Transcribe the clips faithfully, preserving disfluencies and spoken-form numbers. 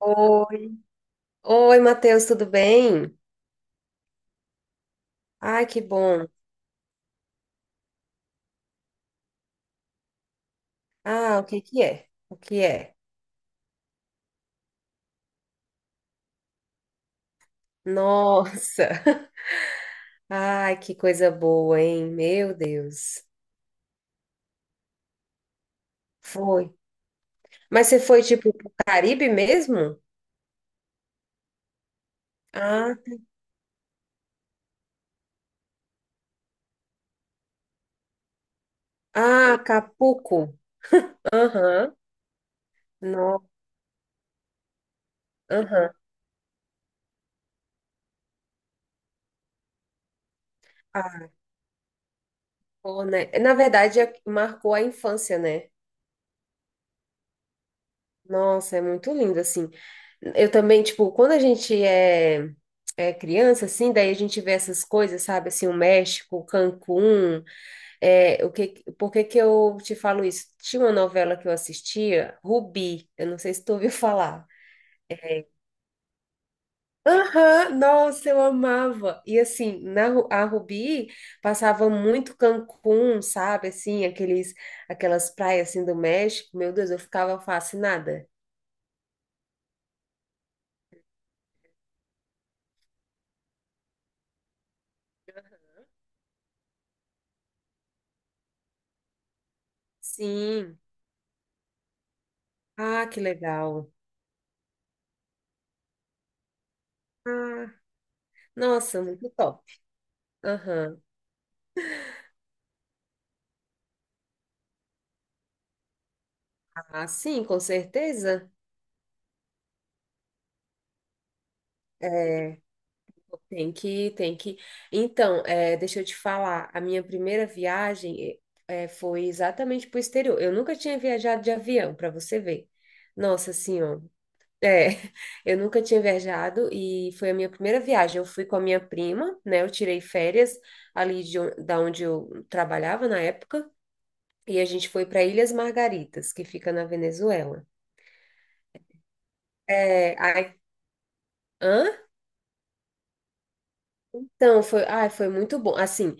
Oi. Oi, Matheus, tudo bem? Ai, que bom. Ah, o que que é? O que é? Nossa! Ai, que coisa boa, hein? Meu Deus. Foi. Mas você foi, tipo, pro Caribe mesmo? Ah, ah, Acapulco. Aham. No, aham. Ah, bom, né? Na verdade, é- marcou a infância, né? Nossa, é muito lindo, assim. Eu também, tipo, quando a gente é, é criança, assim, daí a gente vê essas coisas, sabe? Assim, o México, Cancún, é, o que, por que que eu te falo isso? Tinha uma novela que eu assistia, Rubi, eu não sei se tu ouviu falar. Aham, nossa, eu amava. E assim, na Ru- a Rubi passava muito Cancún, sabe? Assim, aqueles, aquelas praias assim do México. Meu Deus, eu ficava fascinada. Sim. Ah, que legal. Ah, nossa, muito top. Aham. Ah, sim, com certeza. É, tem que, tem que. Então, é, deixa eu te falar, a minha primeira viagem é, é, foi exatamente para o exterior. Eu nunca tinha viajado de avião, para você ver. Nossa senhora. É, eu nunca tinha viajado e foi a minha primeira viagem. Eu fui com a minha prima, né? Eu tirei férias ali de, on- da onde eu trabalhava na época e a gente foi para Ilhas Margaritas, que fica na Venezuela. É, hã? Então, foi, ai, foi muito bom. Assim,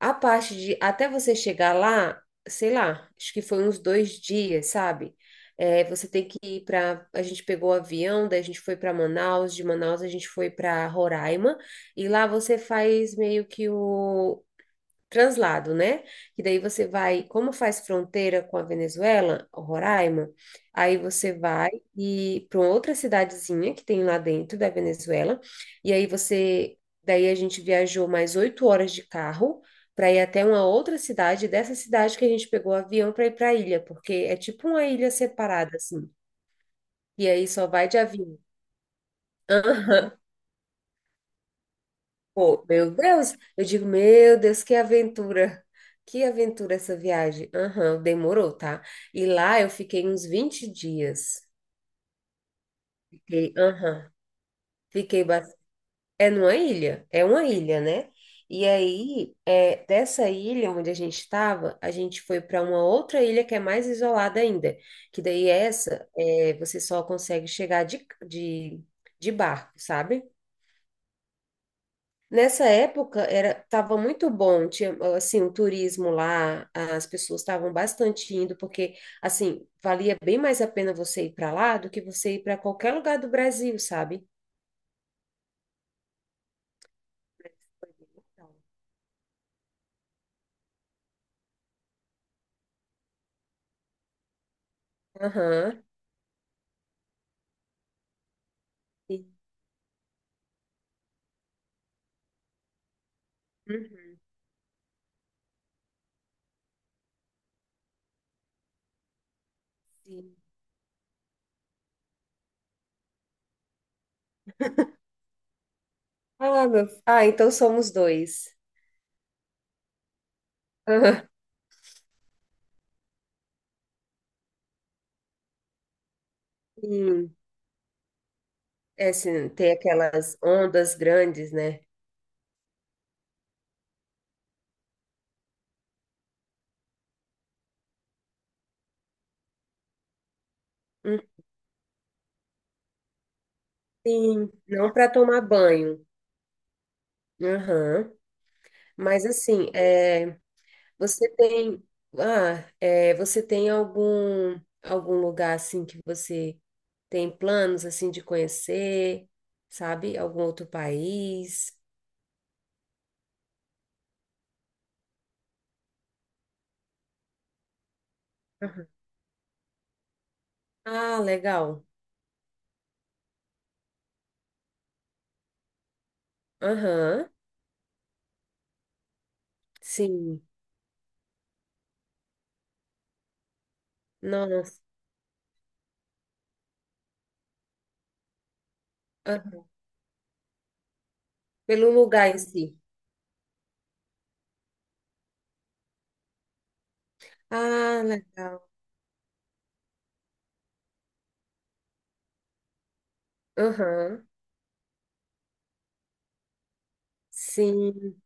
a parte de até você chegar lá, sei lá, acho que foi uns dois dias, sabe? É, você tem que ir para. A gente pegou o avião, daí a gente foi para Manaus, de Manaus a gente foi para Roraima, e lá você faz meio que o, translado, né? E daí você vai, como faz fronteira com a Venezuela, Roraima, aí você vai e para outra cidadezinha que tem lá dentro da Venezuela, e aí você, daí a gente viajou mais oito horas de carro para ir até uma outra cidade, dessa cidade que a gente pegou o avião para ir para a ilha, porque é tipo uma ilha separada assim. E aí só vai de avião. Pô, meu Deus, eu digo, meu Deus, que aventura, que aventura essa viagem. Aham, demorou, tá? E lá eu fiquei uns vinte dias. Fiquei, aham, fiquei bastante. É numa ilha? É uma ilha, né? E aí, é, dessa ilha onde a gente estava, a gente foi para uma outra ilha que é mais isolada ainda, que daí essa, é, você só consegue chegar de, de, de barco, sabe? Nessa época era estava muito bom, tinha assim o turismo lá, as pessoas estavam bastante indo porque assim valia bem mais a pena você ir para lá do que você ir para qualquer lugar do Brasil, sabe? Aham. Sim. Uhum. Sim. Ah, meu... ah, então somos dois. Aham. Sim. É, sim, tem aquelas ondas grandes, né? Hum, sim, não para tomar banho. Aham. Mas assim, é, Você tem, ah, é, você tem algum algum lugar assim que você tem planos assim de conhecer, sabe? Algum outro país? Aham. Ah, legal. Aham. Sim. Nossa. Aham. Pelo lugar em si. Ah, legal. Aham. Sim.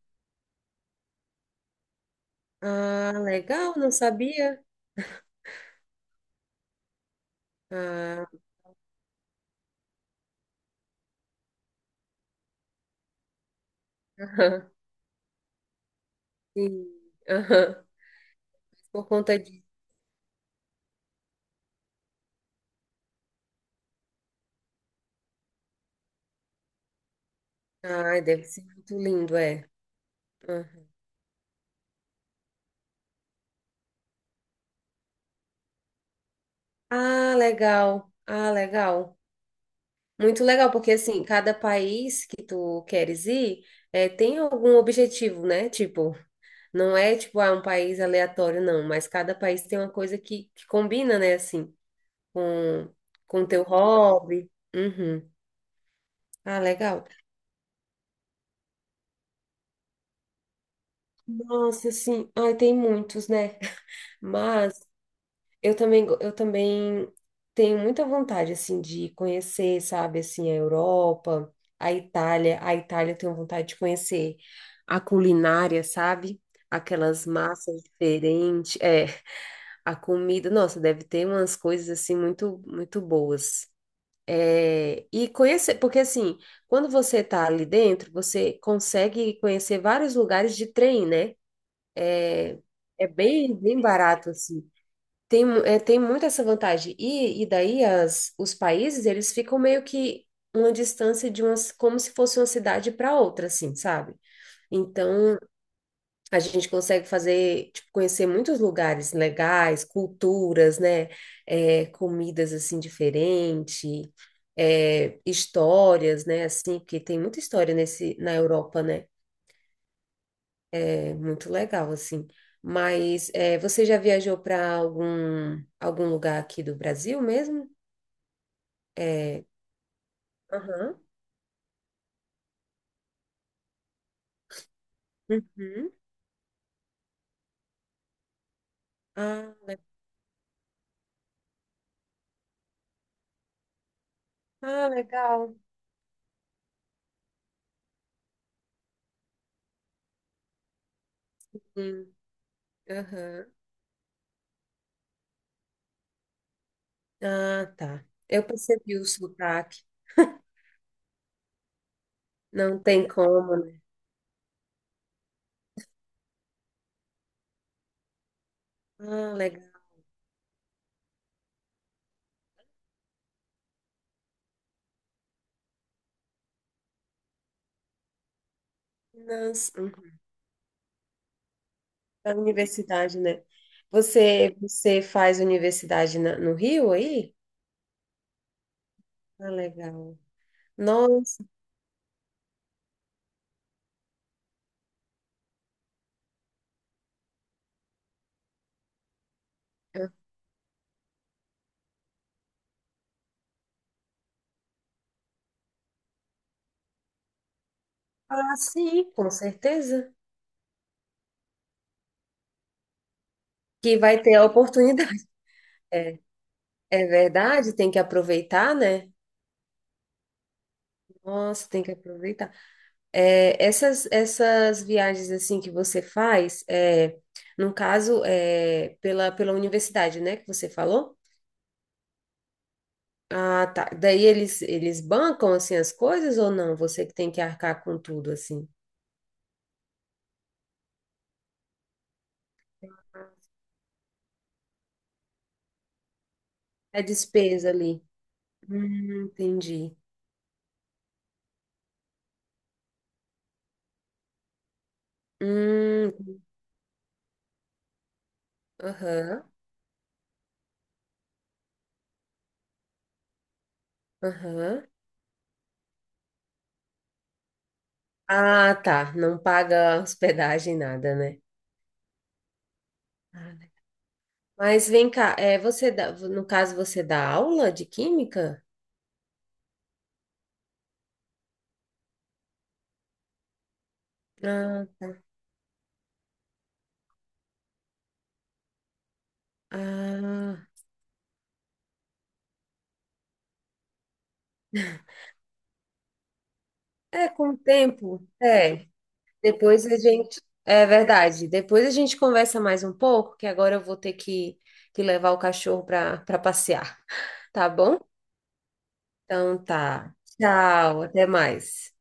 Ah, legal. Não sabia. Ah, aham. Sim. Aham. Por conta de. Ah, deve ser muito lindo, é. Ah, legal. Ah, legal. Muito legal, porque assim, cada país que tu queres ir, eh, tem algum objetivo, né? Tipo, não é tipo, ah, um país aleatório, não, mas cada país tem uma coisa que, que combina, né, assim, com com teu hobby. Uhum. Ah, legal. Nossa, sim. Ai, tem muitos, né? Mas Eu também, go- eu também tenho muita vontade, assim, de conhecer, sabe, assim, a Europa, a Itália. A Itália eu tenho vontade de conhecer a culinária, sabe? Aquelas massas diferentes, é, a comida. Nossa, deve ter umas coisas, assim, muito, muito boas. É, e conhecer, porque, assim, quando você tá ali dentro, você consegue conhecer vários lugares de trem, né? É bem, bem barato, assim. Tem, mu- é, tem muito essa vantagem. E, e daí as, os países, eles ficam meio que uma distância de umas, como se fosse uma cidade para outra, assim, sabe? Então, a gente consegue fazer, tipo, conhecer muitos lugares legais, culturas, né? É, comidas, assim, diferentes, é, histórias, né? Assim, porque tem muita história nesse, na Europa, né? É muito legal, assim. Mas é, você já viajou para algum, algum lugar aqui do Brasil mesmo? É, aham. Uhum. ah, le- ah, legal. Hum, Aham. Ah, tá. Eu percebi o sotaque. Não tem como, né? Ah, legal. Nas, uhum. Da universidade, né? Você, você faz universidade na- no Rio aí? Ah, legal. Nossa, ah, sim, com certeza. Que vai ter a oportunidade. É, é verdade, tem que aproveitar, né? Nossa, tem que aproveitar. É, essas, essas viagens assim que você faz, é, no caso, é, pela, pela universidade, né, que você falou? Ah, tá. Daí eles, eles bancam assim as coisas ou não? Você que tem que arcar com tudo assim. É despesa ali. Hum, entendi. Hum, aham, aham. Ah, tá. Não paga hospedagem, nada, né? Ah, né. Mas vem cá, é, você dá, no caso, você dá aula de química? Ah, ah. É, com o tempo. É, depois a gente. É verdade. Depois a gente conversa mais um pouco, que agora eu vou ter que, que levar o cachorro para para passear. Tá bom? Então tá. Tchau, até mais.